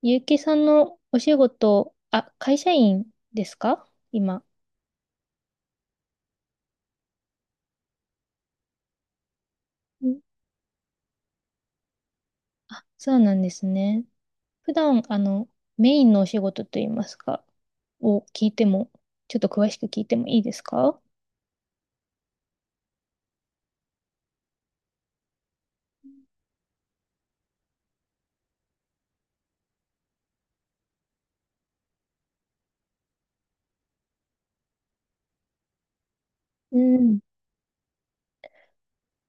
ゆうきさんのお仕事、会社員ですか今。うん。あ、そうなんですね。普段、メインのお仕事といいますか、を聞いても、ちょっと詳しく聞いてもいいですか。うん。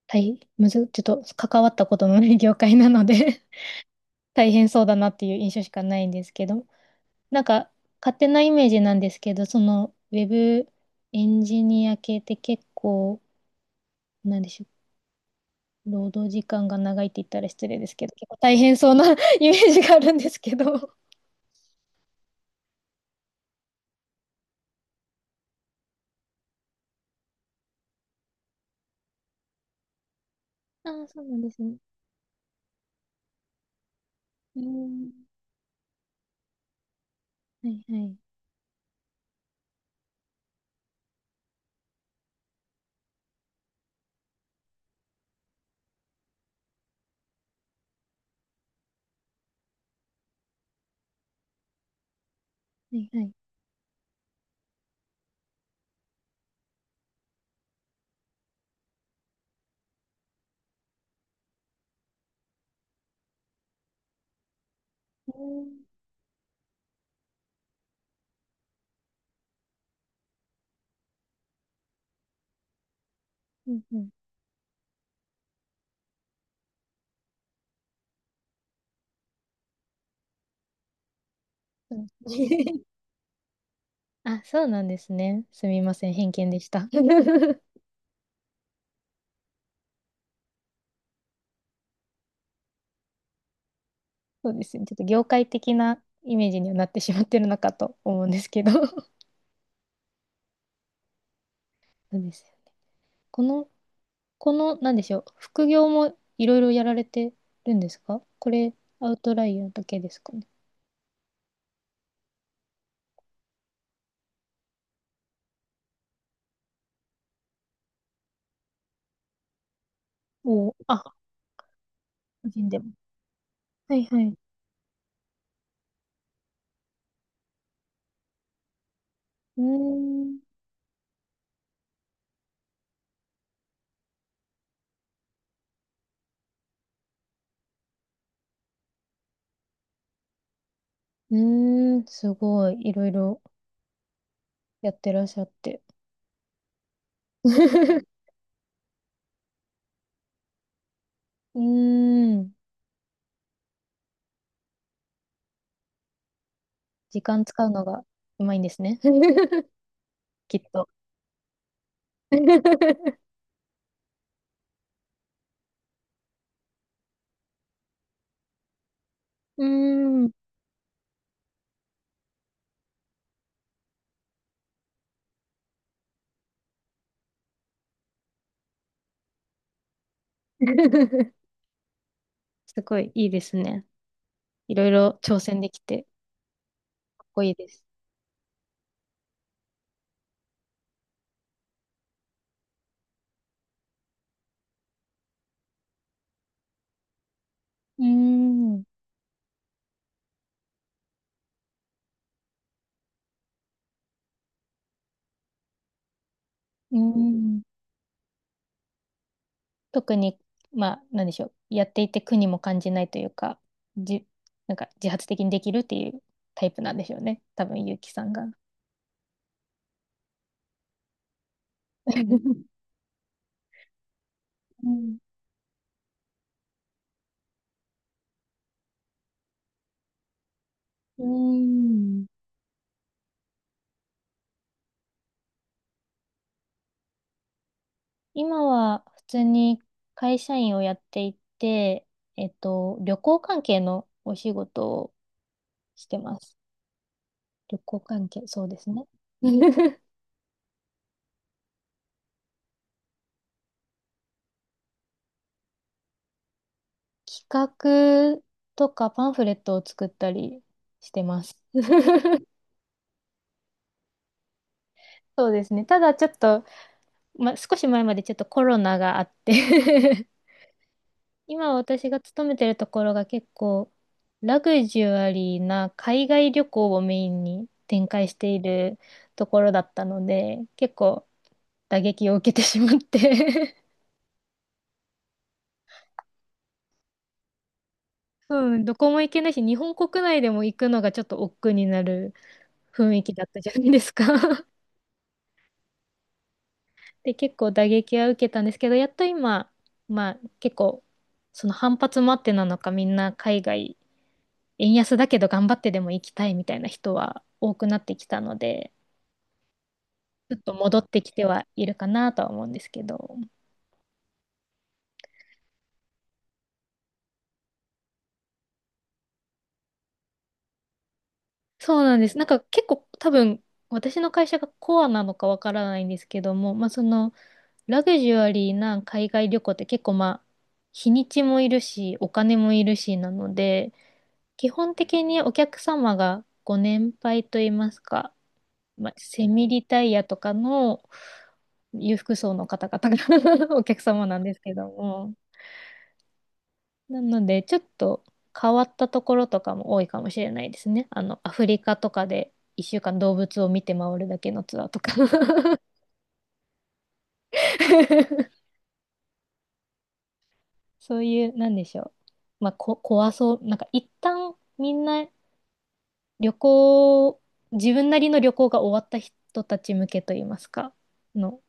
大むず、ちょっと関わったことのない業界なので 大変そうだなっていう印象しかないんですけど、なんか、勝手なイメージなんですけど、その、ウェブエンジニア系って結構、なんでしょう、労働時間が長いって言ったら失礼ですけど、結構大変そうな イメージがあるんですけど。ああ、そうなんですね。うん。はいはい。はいはい。うん。うんうん。そうですね。 あ、そうなんですね。すみません。偏見でした。そうですね。ちょっと業界的なイメージにはなってしまってるのかと思うんですけど。そうですよね。この、この、なんでしょう。副業もいろいろやられてるんですかこれ、アウトライヤーだけですかね。おお、あ、個人でも。はいはい。うーん。うーん、すごい、いろいろやってらっしゃって。うーん、時間使うのがうまいんですね。きっと。うーん。すごいいいですね。いろいろ挑戦できて、かっこいいです。うーん。うーん。特に、まあ、なんでしょう。やっていて苦にも感じないというか、じ、なんか自発的にできるっていうタイプなんでしょうね。多分、ゆうきさんが。うん。うーん。今は普通に会社員をやっていて、えっと、旅行関係のお仕事をしてます。旅行関係、そうですね。企画とかパンフレットを作ったりしてます。そうですね。ただちょっと、ま、少し前までちょっとコロナがあって 今私が勤めてるところが結構ラグジュアリーな海外旅行をメインに展開しているところだったので、結構打撃を受けてしまって うん、どこも行けないし、日本国内でも行くのがちょっと億劫になる雰囲気だったじゃないですか。 で、結構打撃は受けたんですけど、やっと今、まあ結構その反発もあってなのかみんな海外円安だけど頑張ってでも行きたいみたいな人は多くなってきたので、ちょっと戻ってきてはいるかなとは思うんですけど。そうなんです。なんか結構多分私の会社がコアなのかわからないんですけども、まあそのラグジュアリーな海外旅行って結構まあ日にちもいるしお金もいるしなので、基本的にお客様がご年配といいますか、まあ、セミリタイヤとかの裕福層の方々が お客様なんですけども。なので、ちょっと変わったところとかも多いかもしれないですね。あの、アフリカとかで1週間動物を見て回るだけのツアーとか。 そういう、なんでしょう。まあ、怖そう。なんか一旦みんな旅行、自分なりの旅行が終わった人たち向けといいますか、の、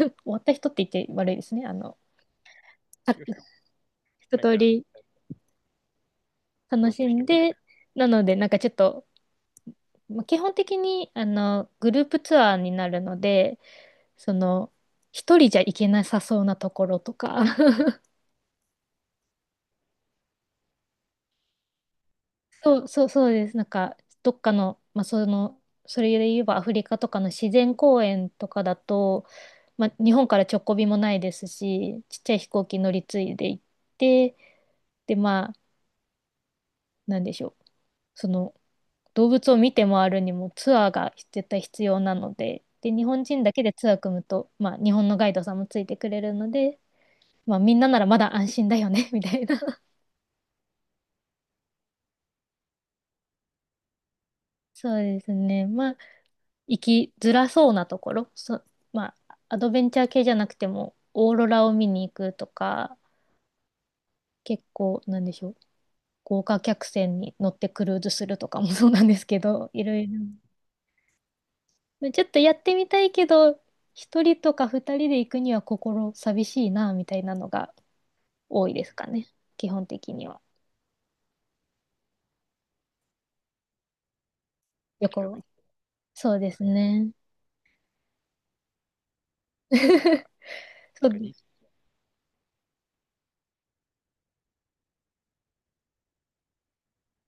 終わった人って言って悪いですね。あの、さ一通り楽しんで、なので、なんかちょっと、まあ基本的にあのグループツアーになるので、その、一人じゃ行けなさそうなところとか。そうそうそうです。なんか、どっかの、まあ、その、それで言えばアフリカとかの自然公園とかだと、まあ、日本から直行便もないですし、ちっちゃい飛行機乗り継いで行って、で、まあ、なんでしょう。その、動物を見て回るにもツアーが絶対必要なので、で、日本人だけでツアー組むと、まあ、日本のガイドさんもついてくれるので、まあ、みんなならまだ安心だよね、みたいな。そうですね。まあ、生きづらそうなところ、そ、まあ、アドベンチャー系じゃなくても、オーロラを見に行くとか、結構、なんでしょう、豪華客船に乗ってクルーズするとかも そうなんですけど、いろいろ。ちょっとやってみたいけど、一人とか二人で行くには心寂しいな、みたいなのが多いですかね。基本的には。旅行は。そうですね。そう、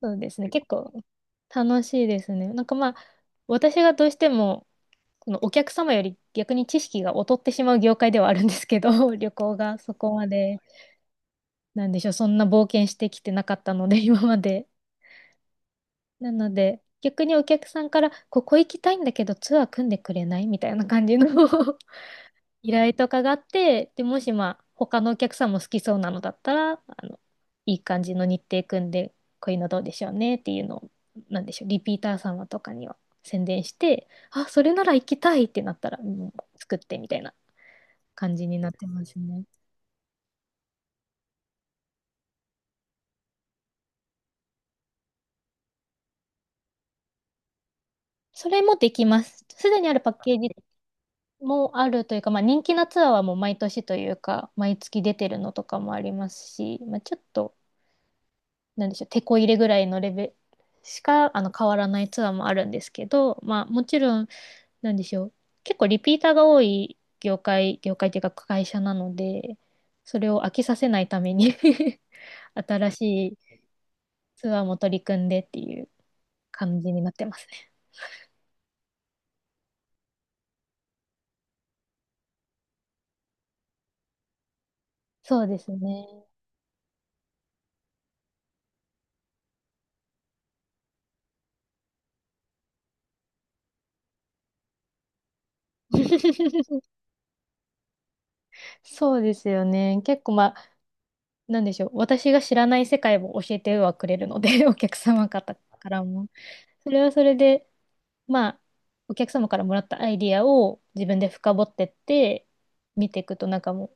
そうですね。結構楽しいですね。なんかまあ、私がどうしても、そのお客様より逆に知識が劣ってしまう業界ではあるんですけど、旅行がそこまで、なんでしょう、そんな冒険してきてなかったので、今まで。なので、逆にお客さんから、ここ行きたいんだけど、ツアー組んでくれないみたいな感じの 依頼とかがあって、で、もしまあ、他のお客さんも好きそうなのだったら、あの、いい感じの日程組んで、こういうのどうでしょうねっていうのを、なんでしょう、リピーター様とかには宣伝して、あ、それなら行きたいってなったら、もう作ってみたいな。感じになってますね。それもできます。すでにあるパッケージもあるというか、まあ、人気なツアーはもう毎年というか、毎月出てるのとかもありますし、まあ、ちょっと、なんでしょう、手こ入れぐらいのレベルしかあの変わらないツアーもあるんですけど、まあ、もちろん、なんでしょう、結構リピーターが多い業界、業界というか会社なので、それを飽きさせないために 新しいツアーも取り組んでっていう感じになってますね。そうですね。そうですよね。結構まあ、なんでしょう。私が知らない世界を教えてはくれるので、お客様方からも。それはそれで、まあ、お客様からもらったアイディアを自分で深掘ってって、見ていくとなんかもう、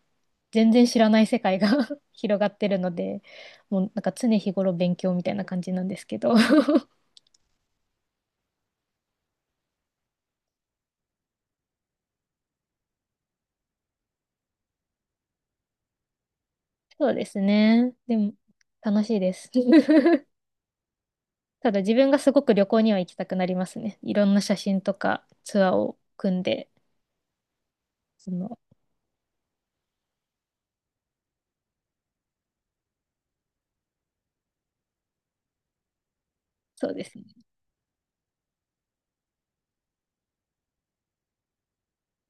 全然知らない世界が 広がってるので、もうなんか常日頃勉強みたいな感じなんですけど。そうですね。でも、楽しいです。ただ自分がすごく旅行には行きたくなりますね。いろんな写真とかツアーを組んで。その、そうですね。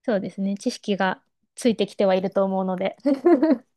そうですね。知識がついてきてはいると思うので。